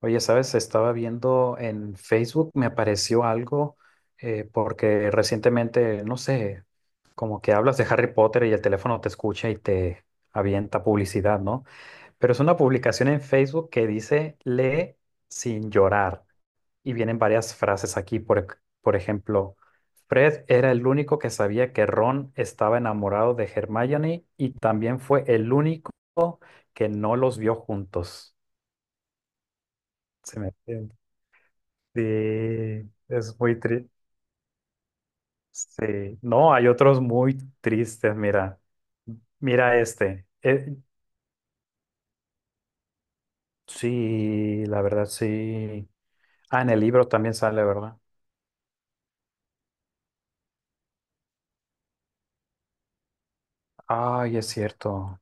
Oye, ¿sabes? Estaba viendo en Facebook, me apareció algo, porque recientemente, no sé, como que hablas de Harry Potter y el teléfono te escucha y te avienta publicidad, ¿no? Pero es una publicación en Facebook que dice, lee sin llorar. Y vienen varias frases aquí, por ejemplo, Fred era el único que sabía que Ron estaba enamorado de Hermione y también fue el único que no los vio juntos. Se me... Sí, es muy triste. Sí. No, hay otros muy tristes, mira. Mira este. Sí, la verdad, sí. Ah, en el libro también sale, ¿verdad? Ay, es cierto.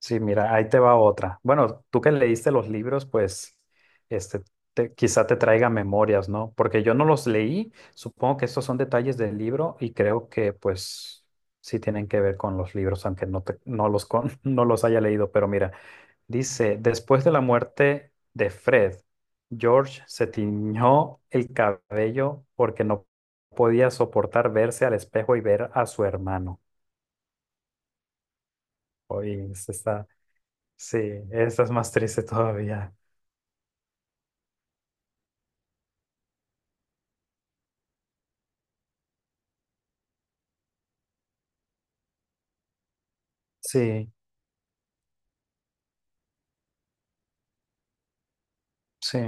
Sí, mira, ahí te va otra. Bueno, tú que leíste los libros, pues, este, quizá te traiga memorias, ¿no? Porque yo no los leí. Supongo que estos son detalles del libro y creo que, pues, sí tienen que ver con los libros, aunque no los con, no los haya leído. Pero mira. Dice, después de la muerte de Fred, George se tiñó el cabello porque no podía soportar verse al espejo y ver a su hermano. Oye, esta está, sí, esta es más triste todavía. Sí, sí,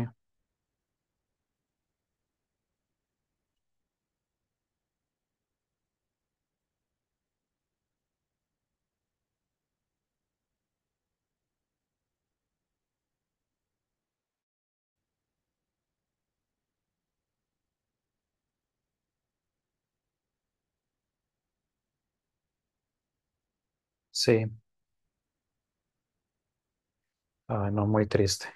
sí. Ah, no, muy triste.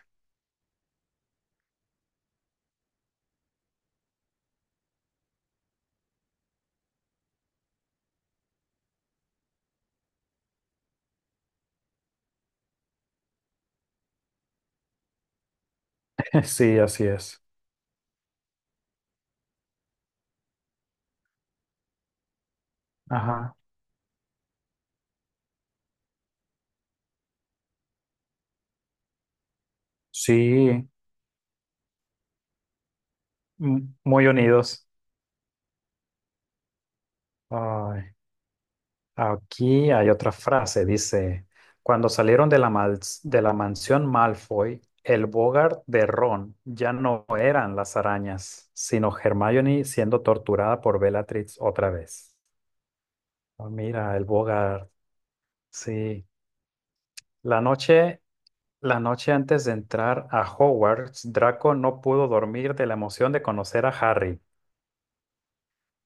Sí, así es. Ajá. Sí, muy unidos. Ay. Aquí hay otra frase, dice, cuando salieron de la, de la mansión Malfoy, el Bogart de Ron ya no eran las arañas, sino Hermione siendo torturada por Bellatrix otra vez. Ah, mira, el Bogart, sí. La noche, la noche antes de entrar a Hogwarts, Draco no pudo dormir de la emoción de conocer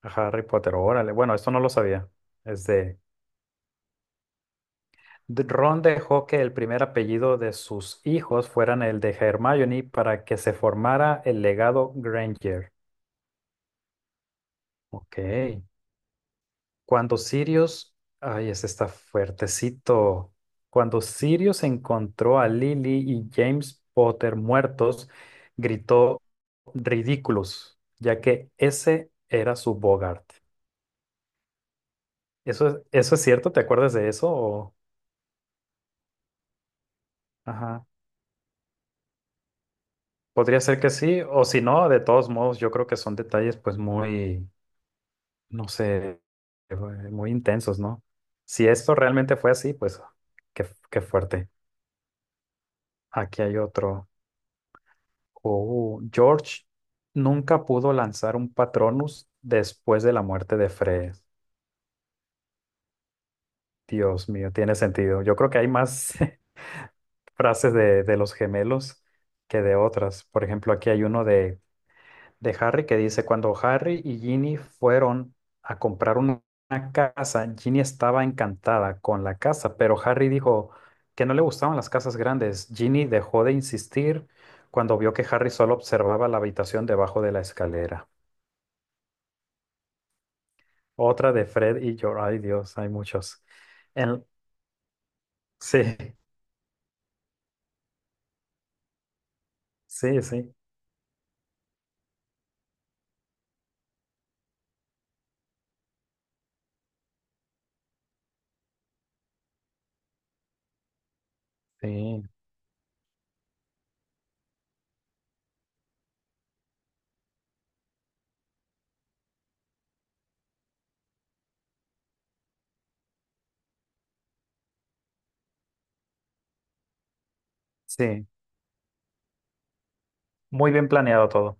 a Harry Potter. Órale, bueno, esto no lo sabía. Es de Ron dejó que el primer apellido de sus hijos fueran el de Hermione para que se formara el legado Granger. Ok. Cuando Sirius, ay, ese está fuertecito. Cuando Sirius encontró a Lily y James Potter muertos, gritó ridículos, ya que ese era su Bogart. ¿Eso, eso es cierto? ¿Te acuerdas de eso? O... Ajá. Podría ser que sí, o si no, de todos modos, yo creo que son detalles pues muy no sé, eh, muy intensos, ¿no? Si esto realmente fue así, pues qué fuerte. Aquí hay otro. Oh, George nunca pudo lanzar un Patronus después de la muerte de Fred. Dios mío, tiene sentido. Yo creo que hay más frases de los gemelos que de otras. Por ejemplo, aquí hay uno de Harry que dice, cuando Harry y Ginny fueron a comprar una casa, Ginny estaba encantada con la casa, pero Harry dijo que no le gustaban las casas grandes. Ginny dejó de insistir cuando vio que Harry solo observaba la habitación debajo de la escalera. Otra de Fred y George. Ay, Dios, hay muchos. En- Sí, sí, sí, sí, sí. Muy bien planeado todo.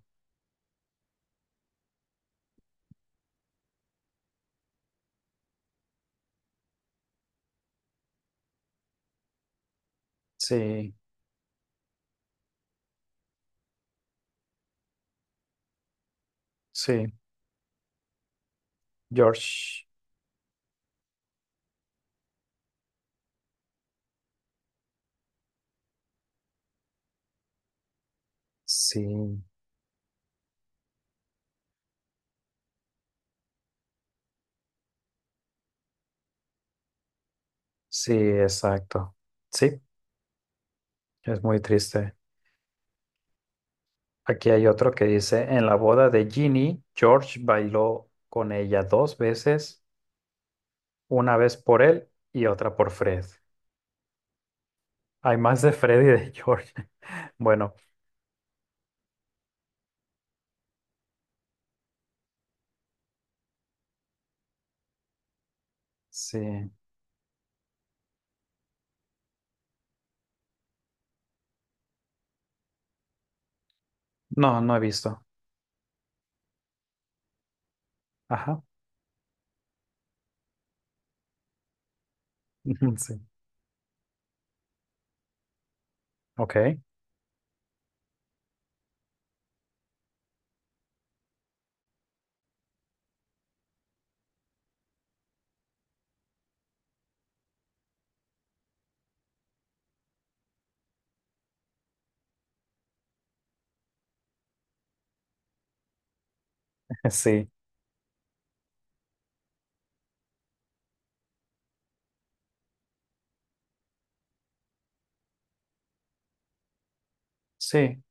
Sí, sí, George. Sí, sí, exacto. Sí. Es muy triste. Aquí hay otro que dice, en la boda de Ginny, George bailó con ella dos veces, una vez por él y otra por Fred. Hay más de Fred y de George. Bueno, sí. No, no he visto. Ajá. Sí. Ok. Sí. Sí.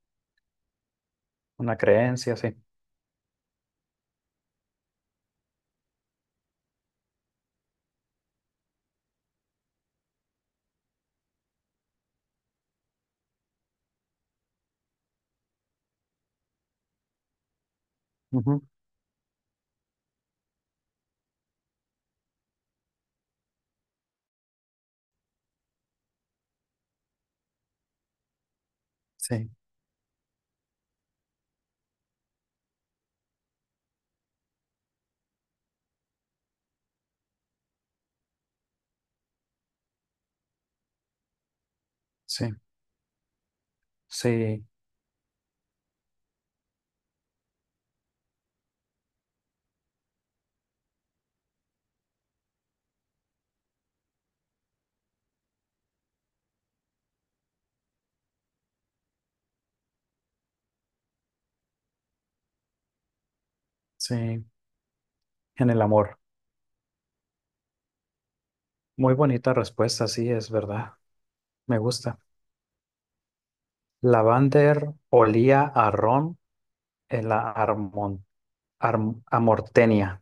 Una creencia, sí. Ujú. Sí. Sí. Sí. Sí. En el amor. Muy bonita respuesta, sí, es verdad. Me gusta. Lavander olía a ron en la Amortenia,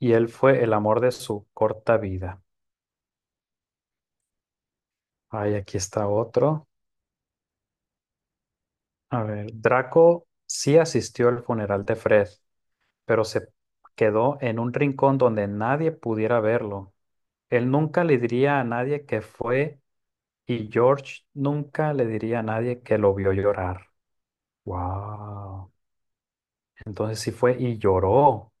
y él fue el amor de su corta vida. Ay, aquí está otro. A ver, Draco sí asistió al funeral de Fred, pero se quedó en un rincón donde nadie pudiera verlo. Él nunca le diría a nadie que fue y George nunca le diría a nadie que lo vio llorar. Wow. Entonces sí fue y lloró.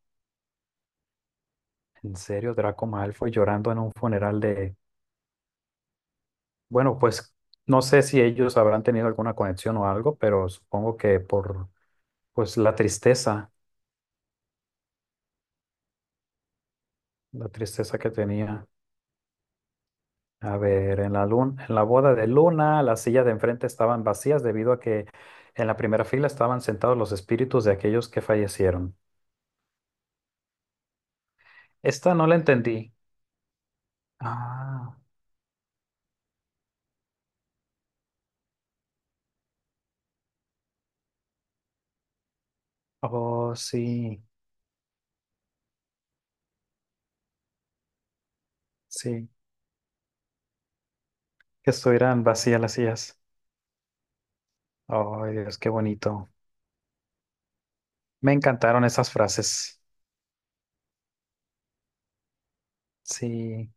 En serio, Draco Malfoy llorando en un funeral de... Bueno, pues no sé si ellos habrán tenido alguna conexión o algo, pero supongo que por pues la tristeza que tenía. A ver, en la luna, en la boda de Luna, las sillas de enfrente estaban vacías debido a que en la primera fila estaban sentados los espíritus de aquellos que fallecieron. Esta no la entendí. Ah, oh, sí, sí, que estuvieran vacías las sillas. Oh, Dios, qué bonito. Me encantaron esas frases. Sí.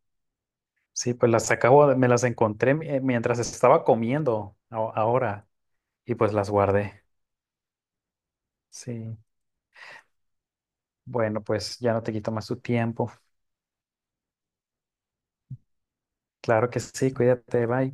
Sí, pues las acabo, me las encontré mientras estaba comiendo ahora y pues las guardé. Sí, bueno, pues ya no te quito más tu tiempo. Claro que sí, cuídate, bye.